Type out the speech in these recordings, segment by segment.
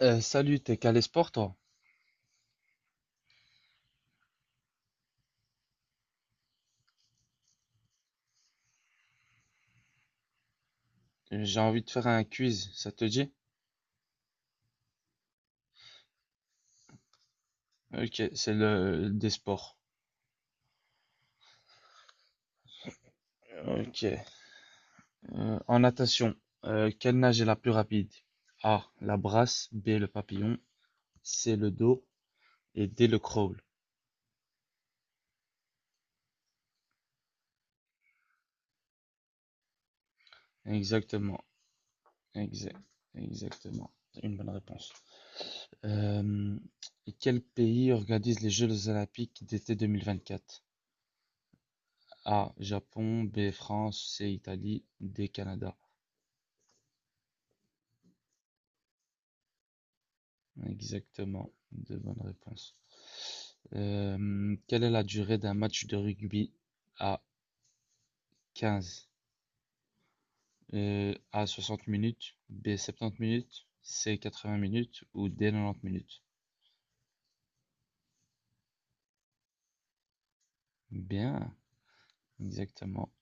Eh, salut, t'es calé sport, toi? J'ai envie de faire un quiz, ça te dit? Ok, c'est le des sports. Ok. En natation, quelle nage est la plus rapide? A, la brasse, B, le papillon, C, le dos et D, le crawl. Exactement, exact, exactement. Une bonne réponse. Euh, et quel pays organise les Jeux olympiques d'été 2024? A, Japon, B, France, C, Italie, D, Canada. Exactement, de bonnes réponses. Quelle est la durée d'un match de rugby A 15? A 60 minutes, B 70 minutes, C 80 minutes ou D 90 minutes? Bien, exactement.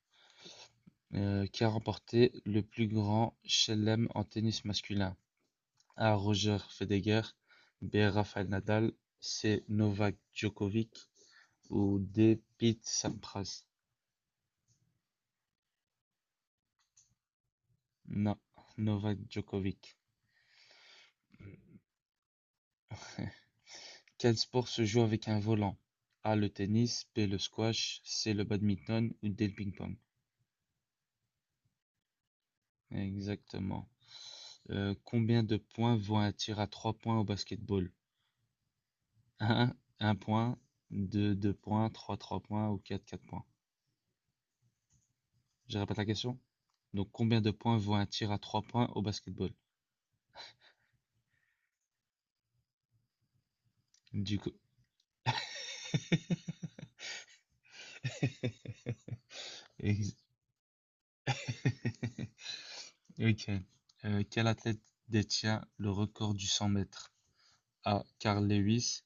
Qui a remporté le plus grand chelem en tennis masculin? A Roger Federer, B Rafael Nadal, C Novak Djokovic ou D Pete Sampras? Non, Novak Djokovic. Quel sport se joue avec un volant? A le tennis, B le squash, C le badminton ou D le ping-pong. Exactement. Combien de points vaut un tir à 3 points au basketball? Un point, 2, 2 points, 3, 3 points ou 4, 4 points. Je répète la question. Donc combien de points vaut un tir à trois points au basketball? Du coup. Ex- Ok. Quel athlète détient le record du 100 mètres? A. Carl Lewis,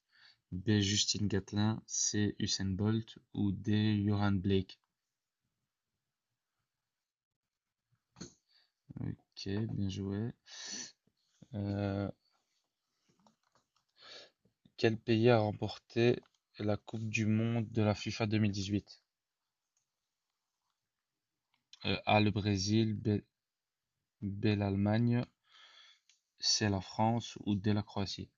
B. Justin Gatlin, C. Usain Bolt ou D. Johan Blake. Ok, bien joué. Euh, quel pays a remporté la Coupe du Monde de la FIFA 2018. A. Le Brésil, B, L'Allemagne, C. La France ou D. La Croatie.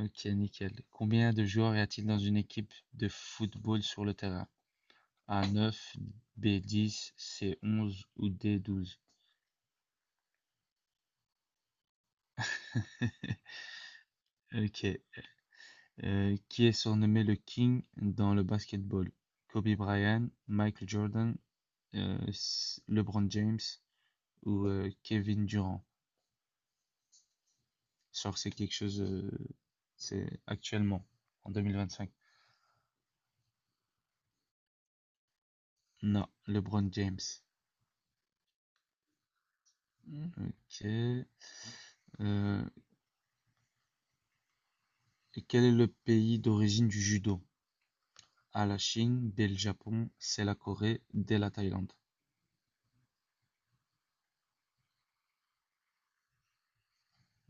Ok, nickel. Combien de joueurs y a-t-il dans une équipe de football sur le terrain? A. 9, B. 10, C. 11 ou D. douze. Ok, qui est surnommé le King dans le basketball. Kobe Bryant, Michael Jordan, euh, LeBron James ou Kevin Durant. Genre, c'est quelque chose, c'est actuellement, en 2025. Non, LeBron James. Ok. Euh, quel est le pays d'origine du judo? A, la Chine, B, le Japon, C, la Corée, D, la Thaïlande.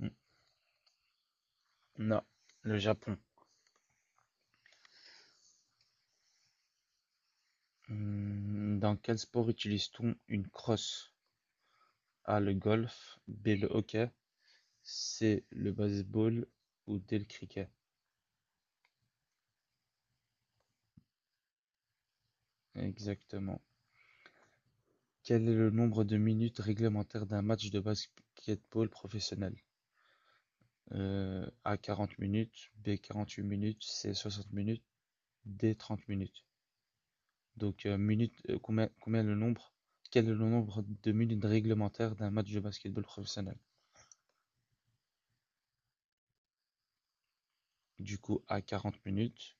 Hmm, non, le Japon. Hmm, dans quel sport utilise-t-on une crosse? A le golf, B le hockey, C le baseball ou D le cricket. Exactement. Quel est le nombre de minutes réglementaires d'un match de basketball professionnel? A 40 minutes, B 48 minutes, C 60 minutes, D 30 minutes. Donc minutes, combien le nombre? Quel est le nombre de minutes réglementaires d'un match de basketball professionnel? Du coup, A 40 minutes,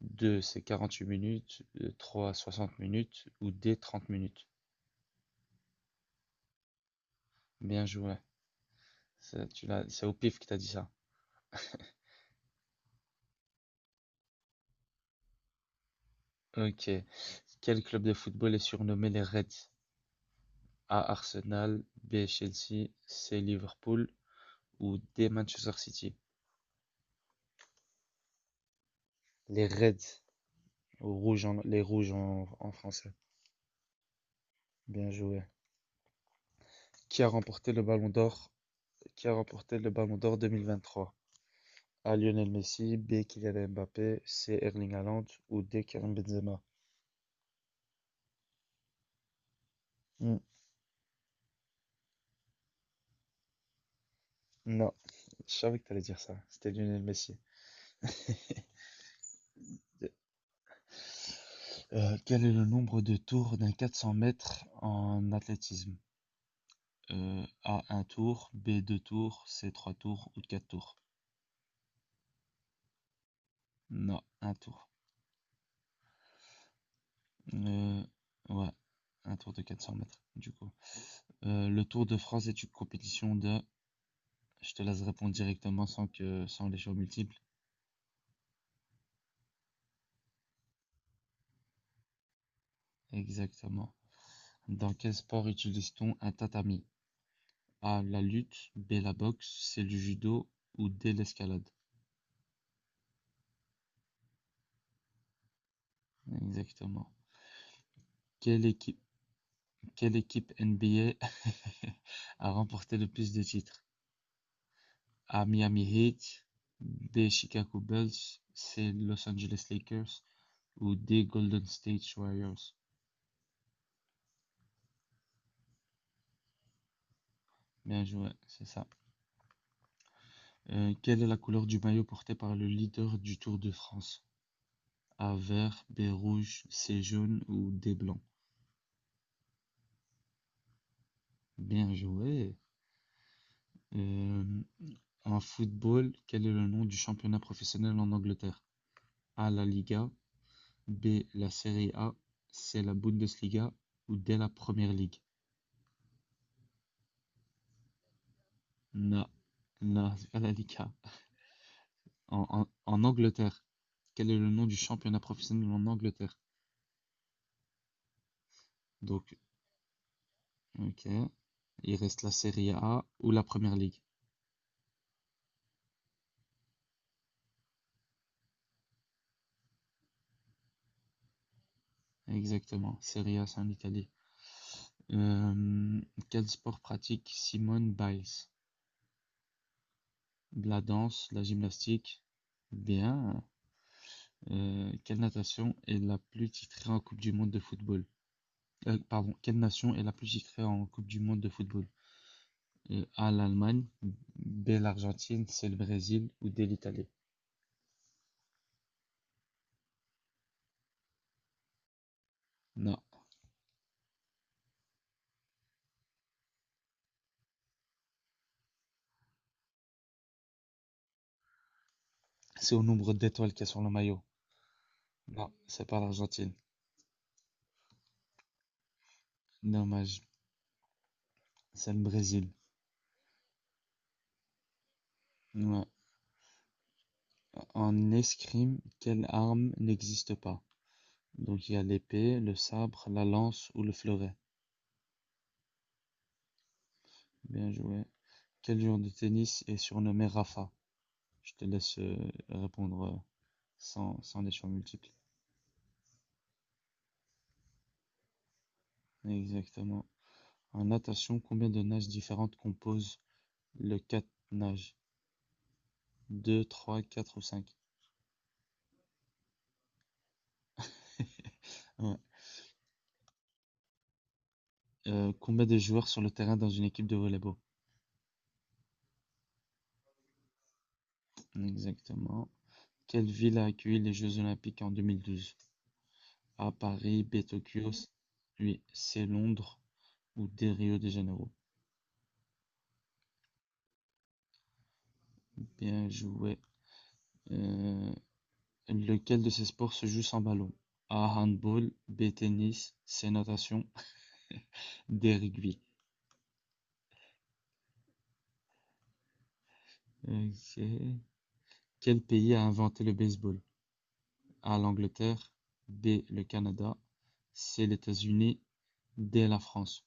2 c'est 48 minutes, 3 60 minutes ou D 30 minutes. Bien joué. Tu l'as, c'est au pif que t'as dit ça. Ok. Quel club de football est surnommé les Reds? A. Arsenal, B. Chelsea, C. Liverpool ou D. Manchester City? Les Reds, les rouges en français. Bien joué. Qui a remporté le Ballon d'Or? Qui a remporté le Ballon d'Or 2023? A. Lionel Messi, B. Kylian Mbappé, C. Erling Haaland ou D. Karim Benzema? Hmm, non, je savais que t'allais dire ça. C'était Lionel Messi. Quel est le nombre de tours d'un 400 mètres en athlétisme? A un tour, B deux tours, C trois tours ou quatre tours? Non, un tour. Euh, ouais, un tour de 400 mètres, du coup. Le Tour de France est une compétition de... Je te laisse répondre directement sans les choix multiples. Exactement. Dans quel sport utilise-t-on un tatami? A, la lutte, B, la boxe, C, le judo ou D, l'escalade? Exactement. Quelle équipe... Quelle équipe NBA a a remporté le plus de titres? A Miami Heat, B Chicago Bulls, C Los Angeles Lakers ou D Golden State Warriors. Bien joué, c'est ça. Quelle est la couleur du maillot porté par le leader du Tour de France? A vert, B rouge, C jaune ou D blanc. Bien joué. Euh, en football, quel est le nom du championnat professionnel en Angleterre? A la Liga, B. La Serie A, c'est la Bundesliga ou dès la Premier League. Na, na, Scalavica. En Angleterre, quel est le nom du championnat professionnel en Angleterre? Donc, ok. Il reste la Serie A ou la Première Ligue. Exactement. Serie A, c'est en Italie. Euh, quel sport pratique Simone Biles? La danse, la gymnastique. Bien. Quelle natation est la plus titrée en Coupe du Monde de football? Pardon, quelle nation est la plus titrée en Coupe du monde de football? A, l'Allemagne, B, l'Argentine, C, le Brésil ou D, l'Italie? Non, c'est au nombre d'étoiles qu'il y a sur le maillot. Non, c'est pas l'Argentine. Dommage, c'est le Brésil. Ouais. En escrime, quelle arme n'existe pas? Donc il y a l'épée, le sabre, la lance ou le fleuret. Bien joué. Quel joueur de tennis est surnommé Rafa? Je te laisse répondre sans les choix multiples. Exactement. En natation, combien de nages différentes composent le quatre-nages? Deux, trois, quatre ou cinq. Ouais. Combien de joueurs sur le terrain dans une équipe de volleyball? Exactement. Quelle ville a accueilli les Jeux Olympiques en 2012? A, Paris, B, Tokyo, oui, C, Londres ou D, Rio de Janeiro. Bien joué. Euh, lequel de ces sports se joue sans ballon? A, handball, B, tennis, C, natation, D, rugby. Ok. Quel pays a inventé le baseball? A l'Angleterre, B le Canada, C les États-Unis, D la France.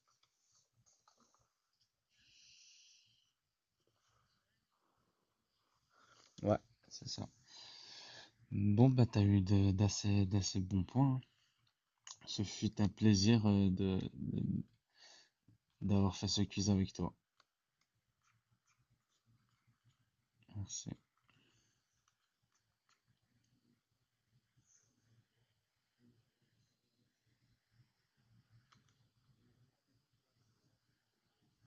Ouais. C'est ça. Bon, bah, d'assez bons points. Hein. Ce fut un plaisir d'avoir fait ce quiz avec toi. Merci.